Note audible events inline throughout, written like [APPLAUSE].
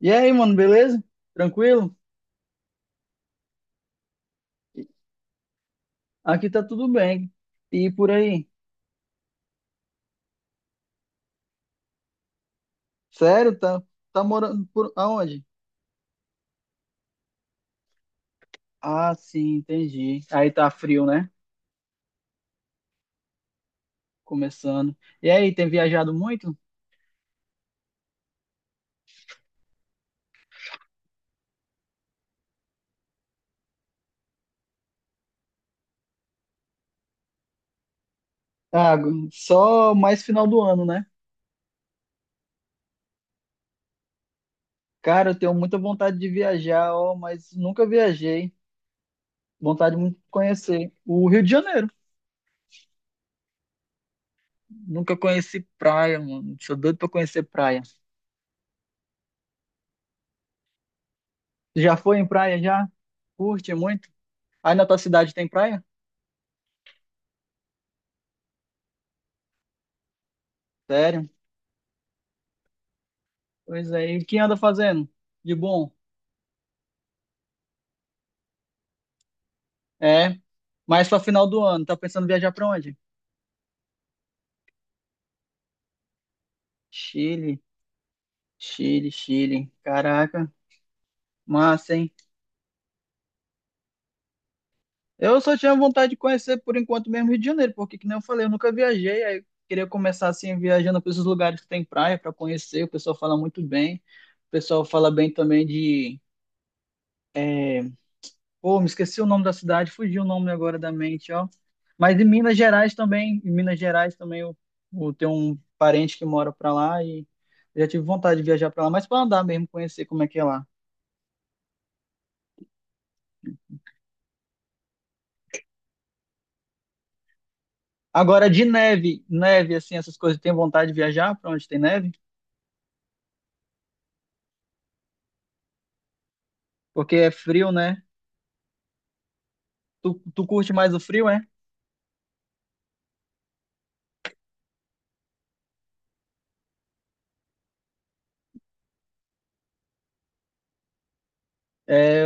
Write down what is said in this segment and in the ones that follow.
E aí, mano, beleza? Tranquilo? Aqui tá tudo bem. E por aí? Sério? Tá. Tá morando por aonde? Ah, sim, entendi. Aí tá frio, né? Começando. E aí, tem viajado muito? Ah, só mais final do ano, né? Cara, eu tenho muita vontade de viajar, ó, mas nunca viajei. Vontade muito de conhecer o Rio de Janeiro. Nunca conheci praia, mano. Sou doido pra conhecer praia. Já foi em praia já? Curte muito? Aí na tua cidade tem praia? Sério? Pois é. E quem anda fazendo de bom? É. Mas pra final do ano, tá pensando em viajar pra onde? Chile, Chile, Chile. Caraca, massa, hein? Eu só tinha vontade de conhecer por enquanto mesmo Rio de Janeiro, porque que nem eu falei, eu nunca viajei, aí eu queria começar assim viajando para esses lugares que tem praia pra conhecer, o pessoal fala muito bem. O pessoal fala bem também de... Pô, me esqueci o nome da cidade, fugiu o nome agora da mente, ó. Mas em Minas Gerais também, eu tenho um parente que mora pra lá e já tive vontade de viajar pra lá, mas pra andar mesmo, conhecer como é que é lá. Agora de neve, neve assim, essas coisas, tem vontade de viajar pra onde tem neve? Porque é frio, né? Tu curte mais o frio, é? É,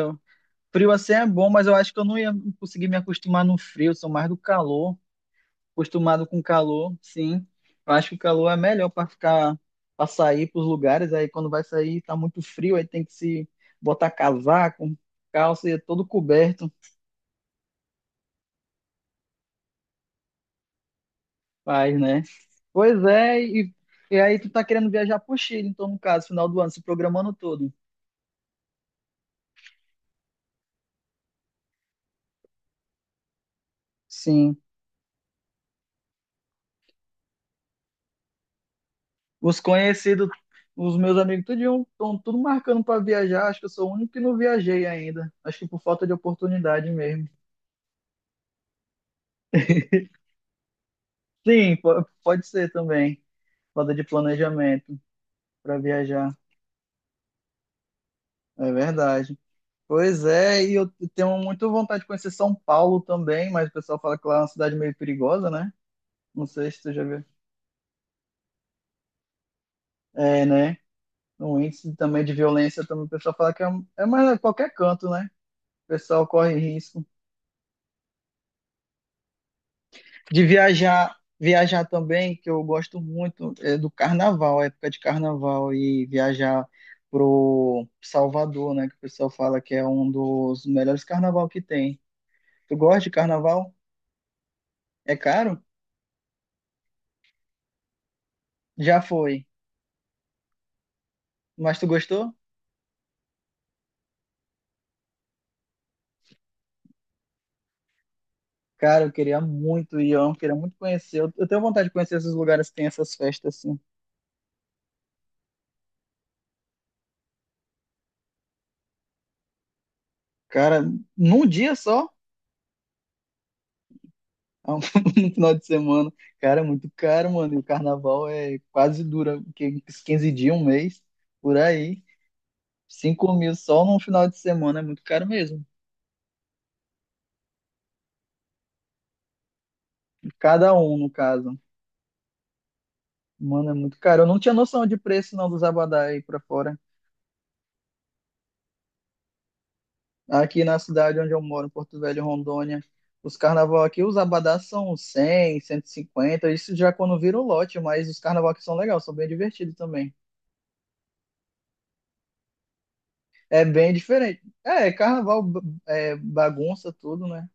frio assim é bom, mas eu acho que eu não ia conseguir me acostumar no frio, sou mais do calor. Acostumado com calor, sim. Eu acho que o calor é melhor para ficar, para sair para os lugares. Aí quando vai sair tá muito frio, aí tem que se botar casaco, calça e é todo coberto, faz, né? Pois é, e aí tu tá querendo viajar pro Chile, então no caso, final do ano, se programando todo. Sim. Os conhecidos, os meus amigos, tudinho, estão tudo marcando para viajar. Acho que eu sou o único que não viajei ainda. Acho que por falta de oportunidade mesmo. [LAUGHS] Sim, pode ser também. Falta de planejamento para viajar. É verdade. Pois é, e eu tenho muita vontade de conhecer São Paulo também, mas o pessoal fala que lá é uma cidade meio perigosa, né? Não sei se tu já viu. É, né? Um índice também de violência, também o pessoal fala que é, é mais a qualquer canto, né? O pessoal corre risco. De viajar, viajar também, que eu gosto muito, é do carnaval, a época de carnaval, e viajar pro Salvador, né? Que o pessoal fala que é um dos melhores carnaval que tem. Tu gosta de carnaval? É caro? Já foi. Mas tu gostou? Cara, eu queria muito ir, eu queria muito conhecer. Eu tenho vontade de conhecer esses lugares que tem essas festas assim. Cara, num dia só, [LAUGHS] no final de semana. Cara, é muito caro, mano. E o carnaval é quase dura, uns 15 dias, um mês, por aí. 5.000 só num final de semana é muito caro mesmo. Cada um, no caso. Mano, é muito caro. Eu não tinha noção de preço, não, dos abadá aí pra fora. Aqui na cidade onde eu moro, em Porto Velho, Rondônia, os carnaval aqui, os abadás são 100, 150, isso já quando vira o lote, mas os carnaval aqui são legais, são bem divertidos também. É bem diferente. É, carnaval bagunça tudo, né?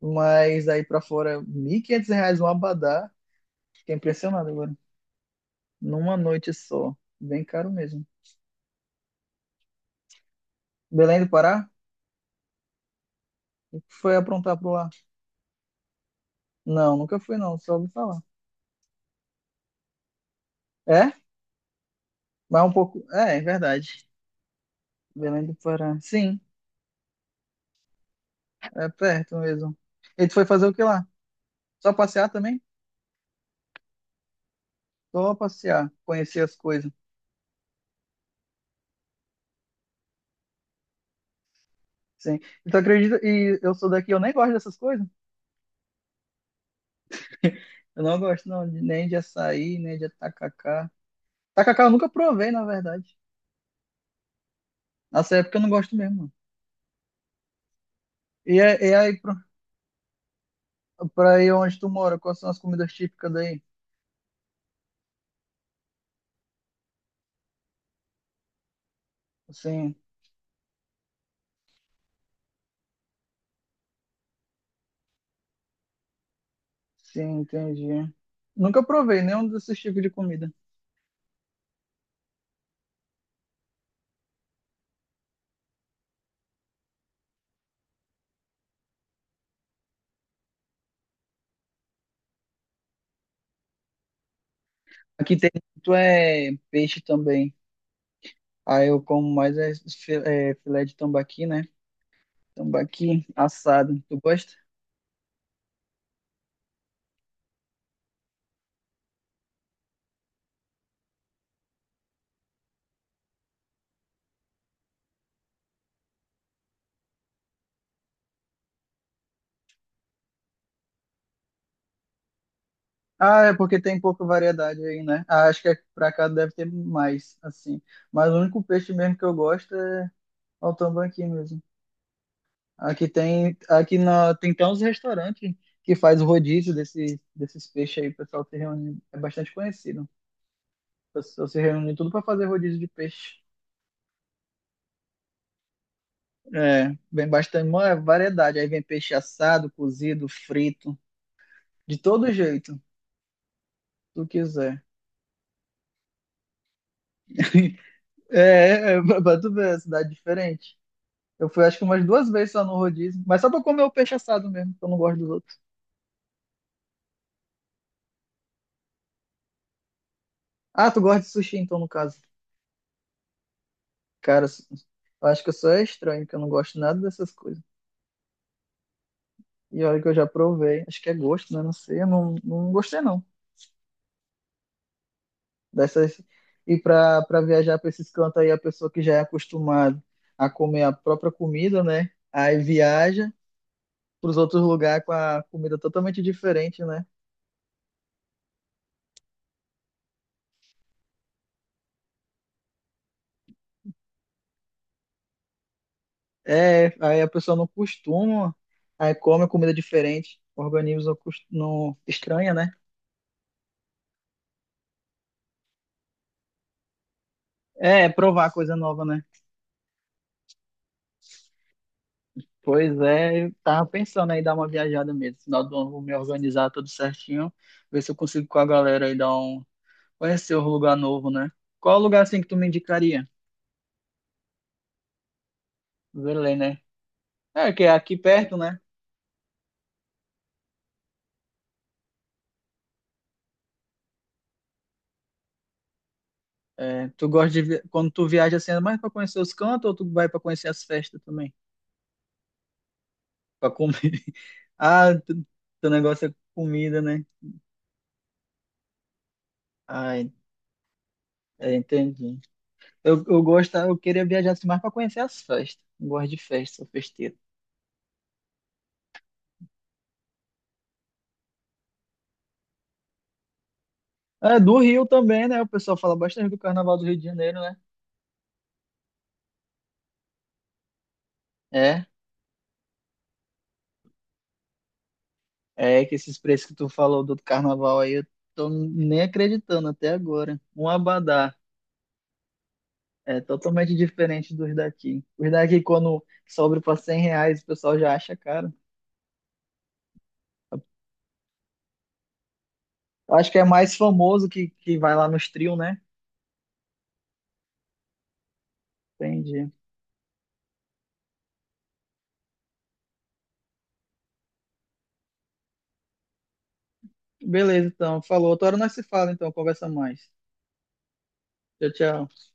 Mas aí pra fora, R$ 1.500 um abadá, fiquei impressionado agora. Numa noite só, bem caro mesmo. Belém do Pará? O que foi aprontar por lá? Não, nunca fui não, só ouvi falar. É? Mas um pouco... É, é verdade. Belém do Pará, sim. É perto mesmo. E tu foi fazer o que lá? Só passear também? Só passear, conhecer as coisas. Sim. E tu acredita? E eu sou daqui, eu nem gosto dessas coisas. [LAUGHS] Eu não gosto não, nem de açaí, nem de tacacá. Tacacá eu nunca provei, na verdade. Nessa época eu não gosto mesmo, não. E pra aí onde tu mora, quais são as comidas típicas daí? Sim, sim, entendi. Nunca provei nenhum desses tipos de comida. Aqui tem muito é, peixe também. Aí eu como mais é, filé de tambaqui, né? Tambaqui assado. Tu gosta? Ah, é porque tem pouca variedade aí, né? Ah, acho que pra cá deve ter mais, assim. Mas o único peixe mesmo que eu gosto é o tambaqui mesmo. Aqui tem, aqui na, tem até uns restaurantes que faz o rodízio desse, desses peixes aí. O pessoal se reúne, é bastante conhecido. O pessoal se reúne tudo para fazer rodízio de peixe. É, vem bastante, uma variedade. Aí vem peixe assado, cozido, frito, de todo jeito, se tu quiser. [LAUGHS] É, é, [LAUGHS] pra tu ver, é cidade diferente. Eu fui acho que umas duas vezes só no rodízio, mas só pra comer o peixe assado mesmo, que eu não gosto dos outros. Ah, tu gosta de sushi então, no caso. Cara, eu acho que eu sou estranho, que eu não gosto nada dessas coisas. E olha que eu já provei, acho que é gosto, né? Não sei, eu não, não gostei não. Dessas... E pra viajar pra esses cantos aí, a pessoa que já é acostumada a comer a própria comida, né? Aí viaja pros outros lugares com a comida totalmente diferente, né? É, aí a pessoa não costuma, aí come comida diferente, o organismo não, não estranha, né? É, é provar coisa nova, né? Pois é, eu tava pensando aí dar uma viajada mesmo. Final do ano eu vou me organizar tudo certinho, ver se eu consigo com a galera aí dar um conhecer um lugar novo, né? Qual lugar assim que tu me indicaria? Belém, né? É, que é aqui perto, né? É, tu gosta de quando tu viaja assim, é mais pra conhecer os cantos ou tu vai pra conhecer as festas também? Pra comer? [LAUGHS] Ah, teu negócio é comida, né? Ah, en- Entendi. Eu gosto, eu queria viajar assim, mais para conhecer as festas. Eu gosto de festa, sou festeiro. É, do Rio também, né? O pessoal fala bastante do Carnaval do Rio de Janeiro, né? É, é que esses preços que tu falou do Carnaval aí, eu tô nem acreditando até agora. Um abadá é totalmente diferente dos daqui. Os daqui, quando sobra para 100 reais, o pessoal já acha caro. Eu acho que é mais famoso que vai lá nos trio, né? Entendi. Beleza, então. Falou. Outra hora nós se fala, então. Conversa mais. Tchau, tchau.